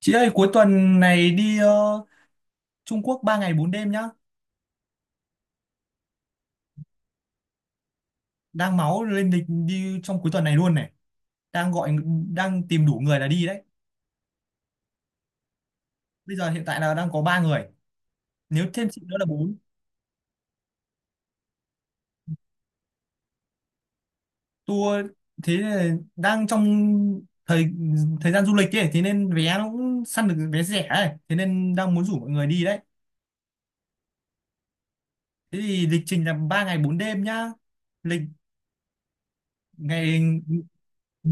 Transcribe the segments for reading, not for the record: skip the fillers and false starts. Chị ơi cuối tuần này đi Trung Quốc 3 ngày 4 đêm nhá. Đang máu lên lịch đi trong cuối tuần này luôn này. Đang gọi đang tìm đủ người là đi đấy. Bây giờ hiện tại là đang có 3 người. Nếu thêm chị nữa là bốn. Tour Thế là đang trong thời thời gian du lịch ấy, thế nên vé nó cũng săn được vé rẻ ấy, thế nên đang muốn rủ mọi người đi đấy. Thế thì lịch trình là 3 ngày 4 đêm nhá. Lịch ngày Ừ.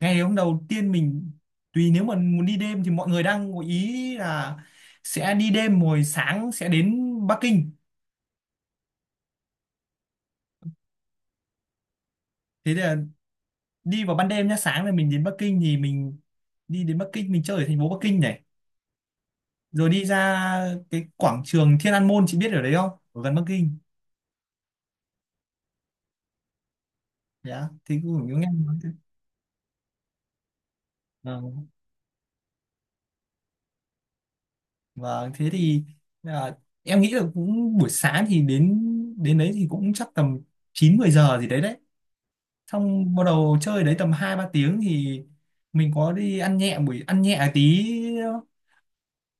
Ngày hôm đầu tiên tùy, nếu mà muốn đi đêm thì mọi người đang có ý là sẽ đi đêm rồi sáng sẽ đến Bắc Kinh. Thế là đi vào ban đêm nhá, sáng là mình đến Bắc Kinh thì mình chơi ở thành phố Bắc Kinh này, rồi đi ra cái quảng trường Thiên An Môn. Chị biết ở đấy không? Ở gần Bắc Kinh, dạ thì cũng cũng nghe nói thế. Ờ, và thế thì à, em nghĩ là cũng buổi sáng thì đến đến đấy thì cũng chắc tầm 9 10 giờ gì đấy đấy, xong bắt đầu chơi đấy tầm hai ba tiếng thì mình có đi ăn nhẹ, ăn nhẹ tí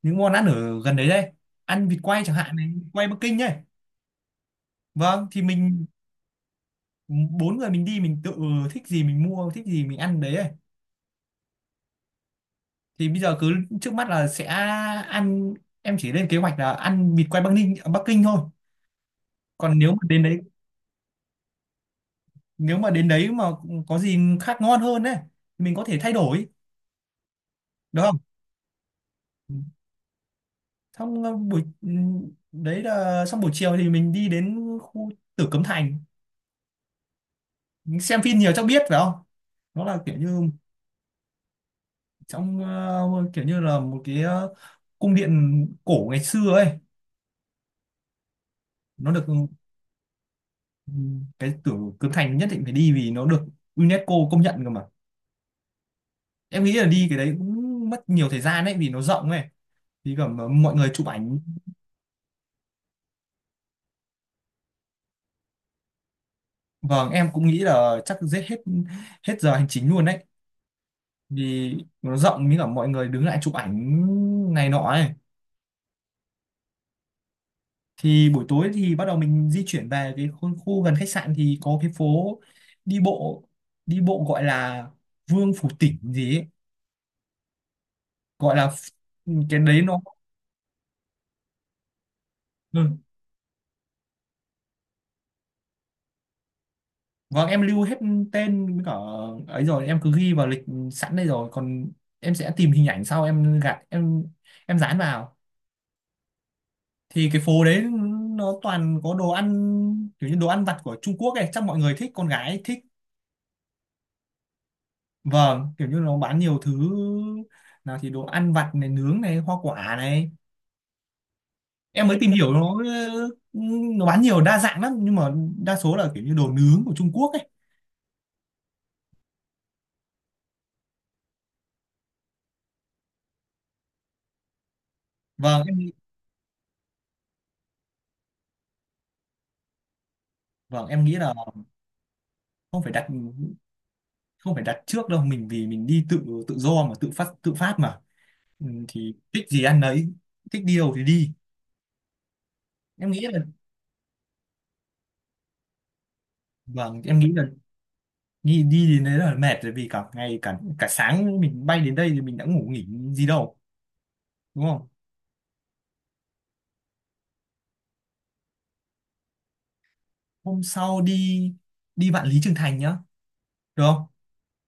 những món ăn ở gần đấy đây, ăn vịt quay chẳng hạn này, vịt quay Bắc Kinh ấy. Vâng, thì mình bốn người mình đi, mình tự thích gì mình mua, thích gì mình ăn đấy ấy. Thì bây giờ cứ trước mắt là sẽ ăn, em chỉ lên kế hoạch là ăn vịt quay Bắc Kinh thôi. Còn nếu mà đến đấy, nếu mà đến đấy mà có gì khác ngon hơn ấy thì mình có thể thay đổi được không? Xong đấy là xong buổi chiều thì mình đi đến khu Tử Cấm Thành. Mình xem phim nhiều chắc biết phải không, nó là kiểu như kiểu như là một cái cung điện cổ ngày xưa ấy. Nó được, ừ, cái Tử Cấm Thành nhất định phải đi vì nó được UNESCO công nhận cơ mà. Em nghĩ là đi cái đấy cũng mất nhiều thời gian ấy vì nó rộng ấy, thì cả mọi người chụp ảnh. Vâng, em cũng nghĩ là chắc giết hết, hết giờ hành chính luôn đấy, vì nó rộng như cả mọi người đứng lại chụp ảnh này nọ ấy. Thì buổi tối thì bắt đầu mình di chuyển về cái khu, khu gần khách sạn thì có cái phố đi bộ đi bộ gọi là Vương Phủ Tỉnh gì ấy. gọi là ph- cái đấy nó, ừ. Vâng, em lưu hết tên với cả ấy rồi, em cứ ghi vào lịch sẵn đây rồi, còn em sẽ tìm hình ảnh sau, em gạt em dán vào. Thì cái phố đấy nó toàn có đồ ăn kiểu như đồ ăn vặt của Trung Quốc ấy, chắc mọi người thích, con gái thích. Vâng, kiểu như nó bán nhiều thứ, nào thì đồ ăn vặt này, nướng này, hoa quả này. Em mới tìm hiểu, nó, ừ, nó bán nhiều đa dạng lắm, nhưng mà đa số là kiểu như đồ nướng của Trung Quốc ấy. Vâng, em nghĩ- vâng, em nghĩ là không phải đặt không phải đặt trước đâu, mình, vì mình đi tự tự do mà tự phát mà. Ừ, thì thích gì ăn đấy, thích đi đâu thì đi. Em nghĩ là Vâng, em nghĩ là đi đi đến đấy là mệt rồi, vì cả ngày, cả cả sáng mình bay đến đây thì mình đã ngủ nghỉ gì đâu, đúng không? Hôm sau đi đi Vạn Lý Trường Thành nhá, được không?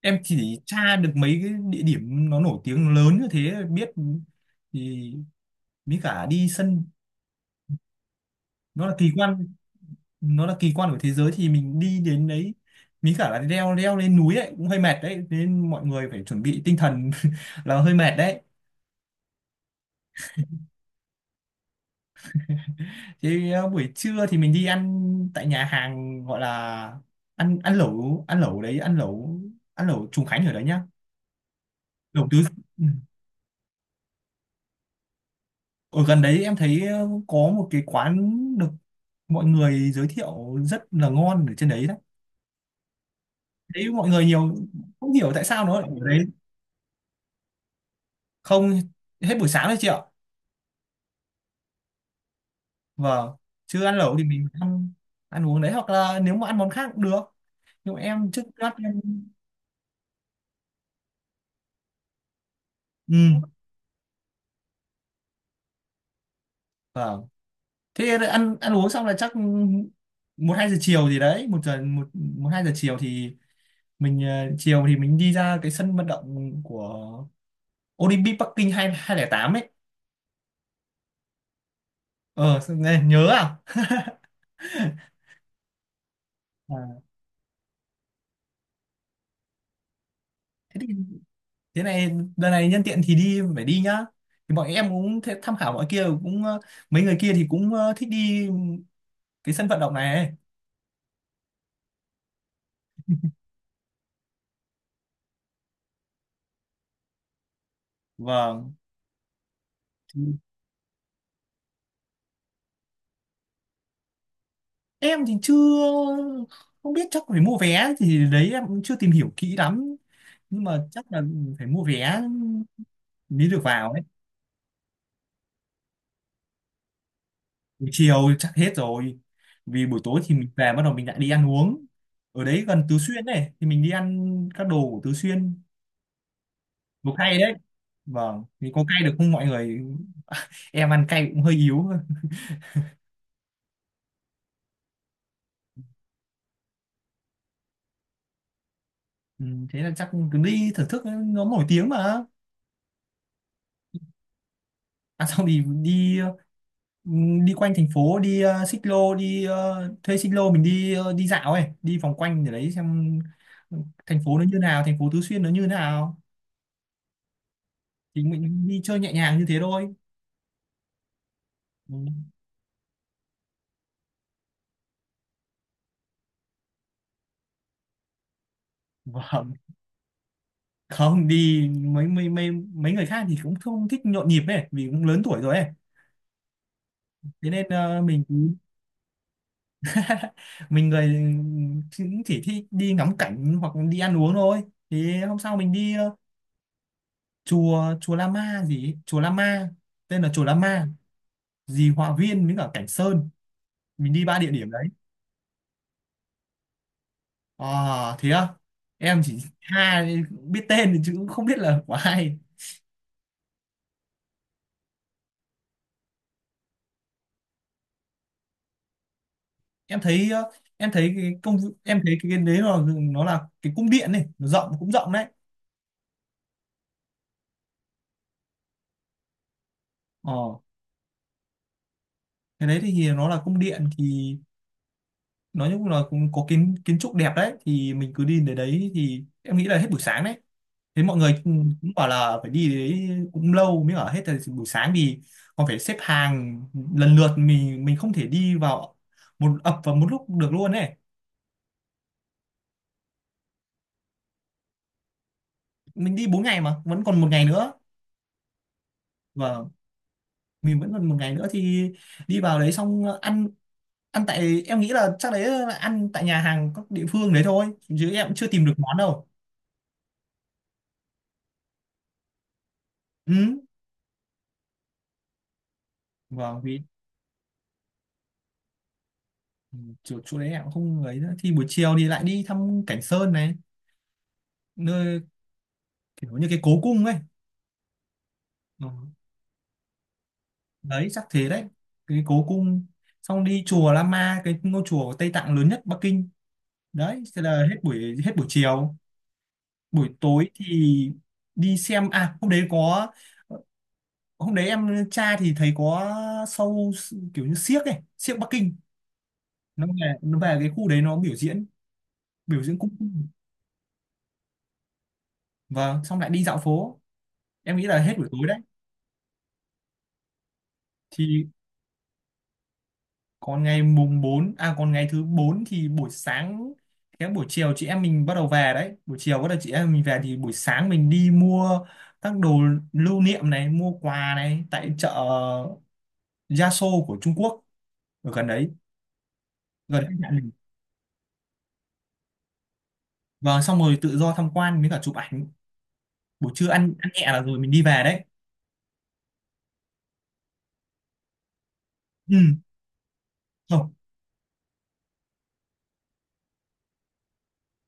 Em chỉ tra được mấy cái địa điểm nó nổi tiếng lớn như thế biết thì mới cả đi sân. Nó là kỳ quan, của thế giới thì mình đi đến đấy, mới cả là leo leo lên núi ấy cũng hơi mệt đấy, nên mọi người phải chuẩn bị tinh thần là hơi mệt đấy. Thì buổi trưa thì mình đi ăn tại nhà hàng, gọi là ăn ăn lẩu đấy ăn lẩu Trùng Khánh ở đấy nhá. Lẩu tứ Ừ. Ở gần đấy em thấy có một cái quán được mọi người giới thiệu rất là ngon ở trên đấy đấy. Đấy, mọi người nhiều không hiểu tại sao nó lại ở đấy. Không, hết buổi sáng đấy chị ạ. Vâng, chưa ăn lẩu thì mình ăn ăn uống đấy, hoặc là nếu mà ăn món khác cũng được. Nhưng mà em trước mắt em Ừ vâng. Thế là ăn ăn uống xong là chắc một hai giờ chiều gì đấy, một hai giờ chiều thì mình đi ra cái sân vận động của Olympic Bắc Kinh 2008 ấy. Ờ sao nghe nhớ à. À, thế thì Thế này, đợt này nhân tiện thì đi phải đi nhá. Thì bọn em cũng thế, tham khảo mọi kia cũng mấy người kia thì cũng thích đi cái sân vận động này ấy. Vâng. Thì em thì chưa Không biết, chắc phải mua vé, thì đấy em cũng chưa tìm hiểu kỹ lắm, nhưng mà chắc là phải mua vé mới được vào ấy. Buổi chiều chắc hết rồi, vì buổi tối thì mình về bắt đầu mình lại đi ăn uống ở đấy gần Tứ Xuyên này, thì mình đi ăn các đồ của Tứ Xuyên. Một hay đấy. Vâng thì có cay được không mọi người, em ăn cay cũng hơi yếu thôi. Ừ, thế là chắc cứ đi thưởng thức, nó nổi tiếng mà. À, xong thì đi, ừ, đi quanh thành phố, đi ờ, xích lô đi ờ, thuê xích lô mình đi, đi dạo ấy, đi vòng quanh để đấy xem thành phố nó như nào, thành phố Tứ Xuyên nó như nào. Thì mình đi chơi nhẹ nhàng như thế thôi. Ừ. Vâng, không đi. Mấy mấy mấy Mấy người khác thì cũng không thích nhộn nhịp ấy, vì cũng lớn tuổi rồi ấy, thế nên mình cứ, mình người chỉ thích đi ngắm cảnh hoặc đi ăn uống thôi. Thì hôm sau mình đi ờ, chùa chùa Lama gì ấy. Chùa Lama, dì Hòa Viên với cả Cảnh Sơn, mình đi ba địa điểm đấy. À thế à, em chỉ ha biết tên thì chứ cũng không biết là của ai. Em thấy ờ, em thấy cái công em thấy cái đấy là, nó là cái cung điện này, nó rộng cũng rộng đấy. Ờ cái đấy thì nó là cung điện thì nói chung là cũng có kiến kiến trúc đẹp đấy, thì mình cứ đi đến đấy thì em nghĩ là hết buổi sáng đấy. Thế mọi người cũng cũng bảo là phải đi đấy cũng lâu mới ở hết thời buổi sáng, vì còn phải xếp hàng lần lượt, mình không thể đi vào một ập vào một lúc được luôn ấy. Mình đi 4 ngày mà vẫn còn một ngày nữa. Và mình vẫn còn một ngày nữa thì đi vào đấy xong ăn ăn tại, em nghĩ là chắc đấy là ăn tại nhà hàng các địa phương đấy thôi, chứ em cũng chưa tìm được món đâu. Ừ vâng, vì ừ. Chỗ đấy em cũng không ấy nữa, thì buổi chiều thì lại đi thăm Cảnh Sơn này, nơi kiểu như cái cố cung ấy. Ờ, đấy chắc thế đấy, cái cố cung. Xong đi chùa Lama, cái ngôi chùa của Tây Tạng lớn nhất Bắc Kinh, đấy thế là hết buổi chiều. Buổi tối thì đi xem, hôm đấy em tra thì thấy có show kiểu như xiếc ấy, xiếc Bắc Kinh. Nó về, cái khu đấy nó biểu diễn, biểu diễn cung vâng. Xong lại đi dạo phố, em nghĩ là hết buổi tối đấy. Thì còn ngày mùng bốn, à còn ngày thứ 4 thì buổi sáng, cái buổi chiều chị em mình bắt đầu về đấy, buổi chiều bắt đầu chị em mình về, thì buổi sáng mình đi mua các đồ lưu niệm này, mua quà này tại chợ Yaso của Trung Quốc ở gần đấy, gần khách sạn mình. Vâng, xong rồi tự do tham quan với cả chụp ảnh, buổi trưa ăn ăn nhẹ là rồi mình đi về đấy. Ừ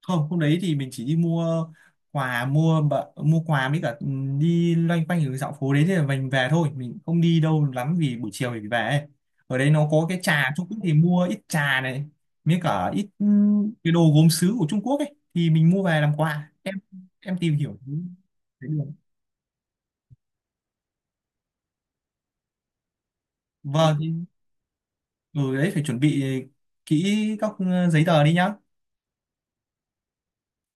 không, hôm đấy thì mình chỉ đi mua quà, mua quà với cả đi loanh quanh ở dạo phố đấy, thì mình về thôi, mình không đi đâu lắm vì buổi chiều thì về ấy. Ở đấy nó có cái trà Trung Quốc thì mua ít trà này với cả ít, cái đồ gốm sứ của Trung Quốc ấy thì mình mua về làm quà. Tìm hiểu thấy được. vâng thì- ừ đấy, phải chuẩn bị kỹ các, giấy tờ đi nhá.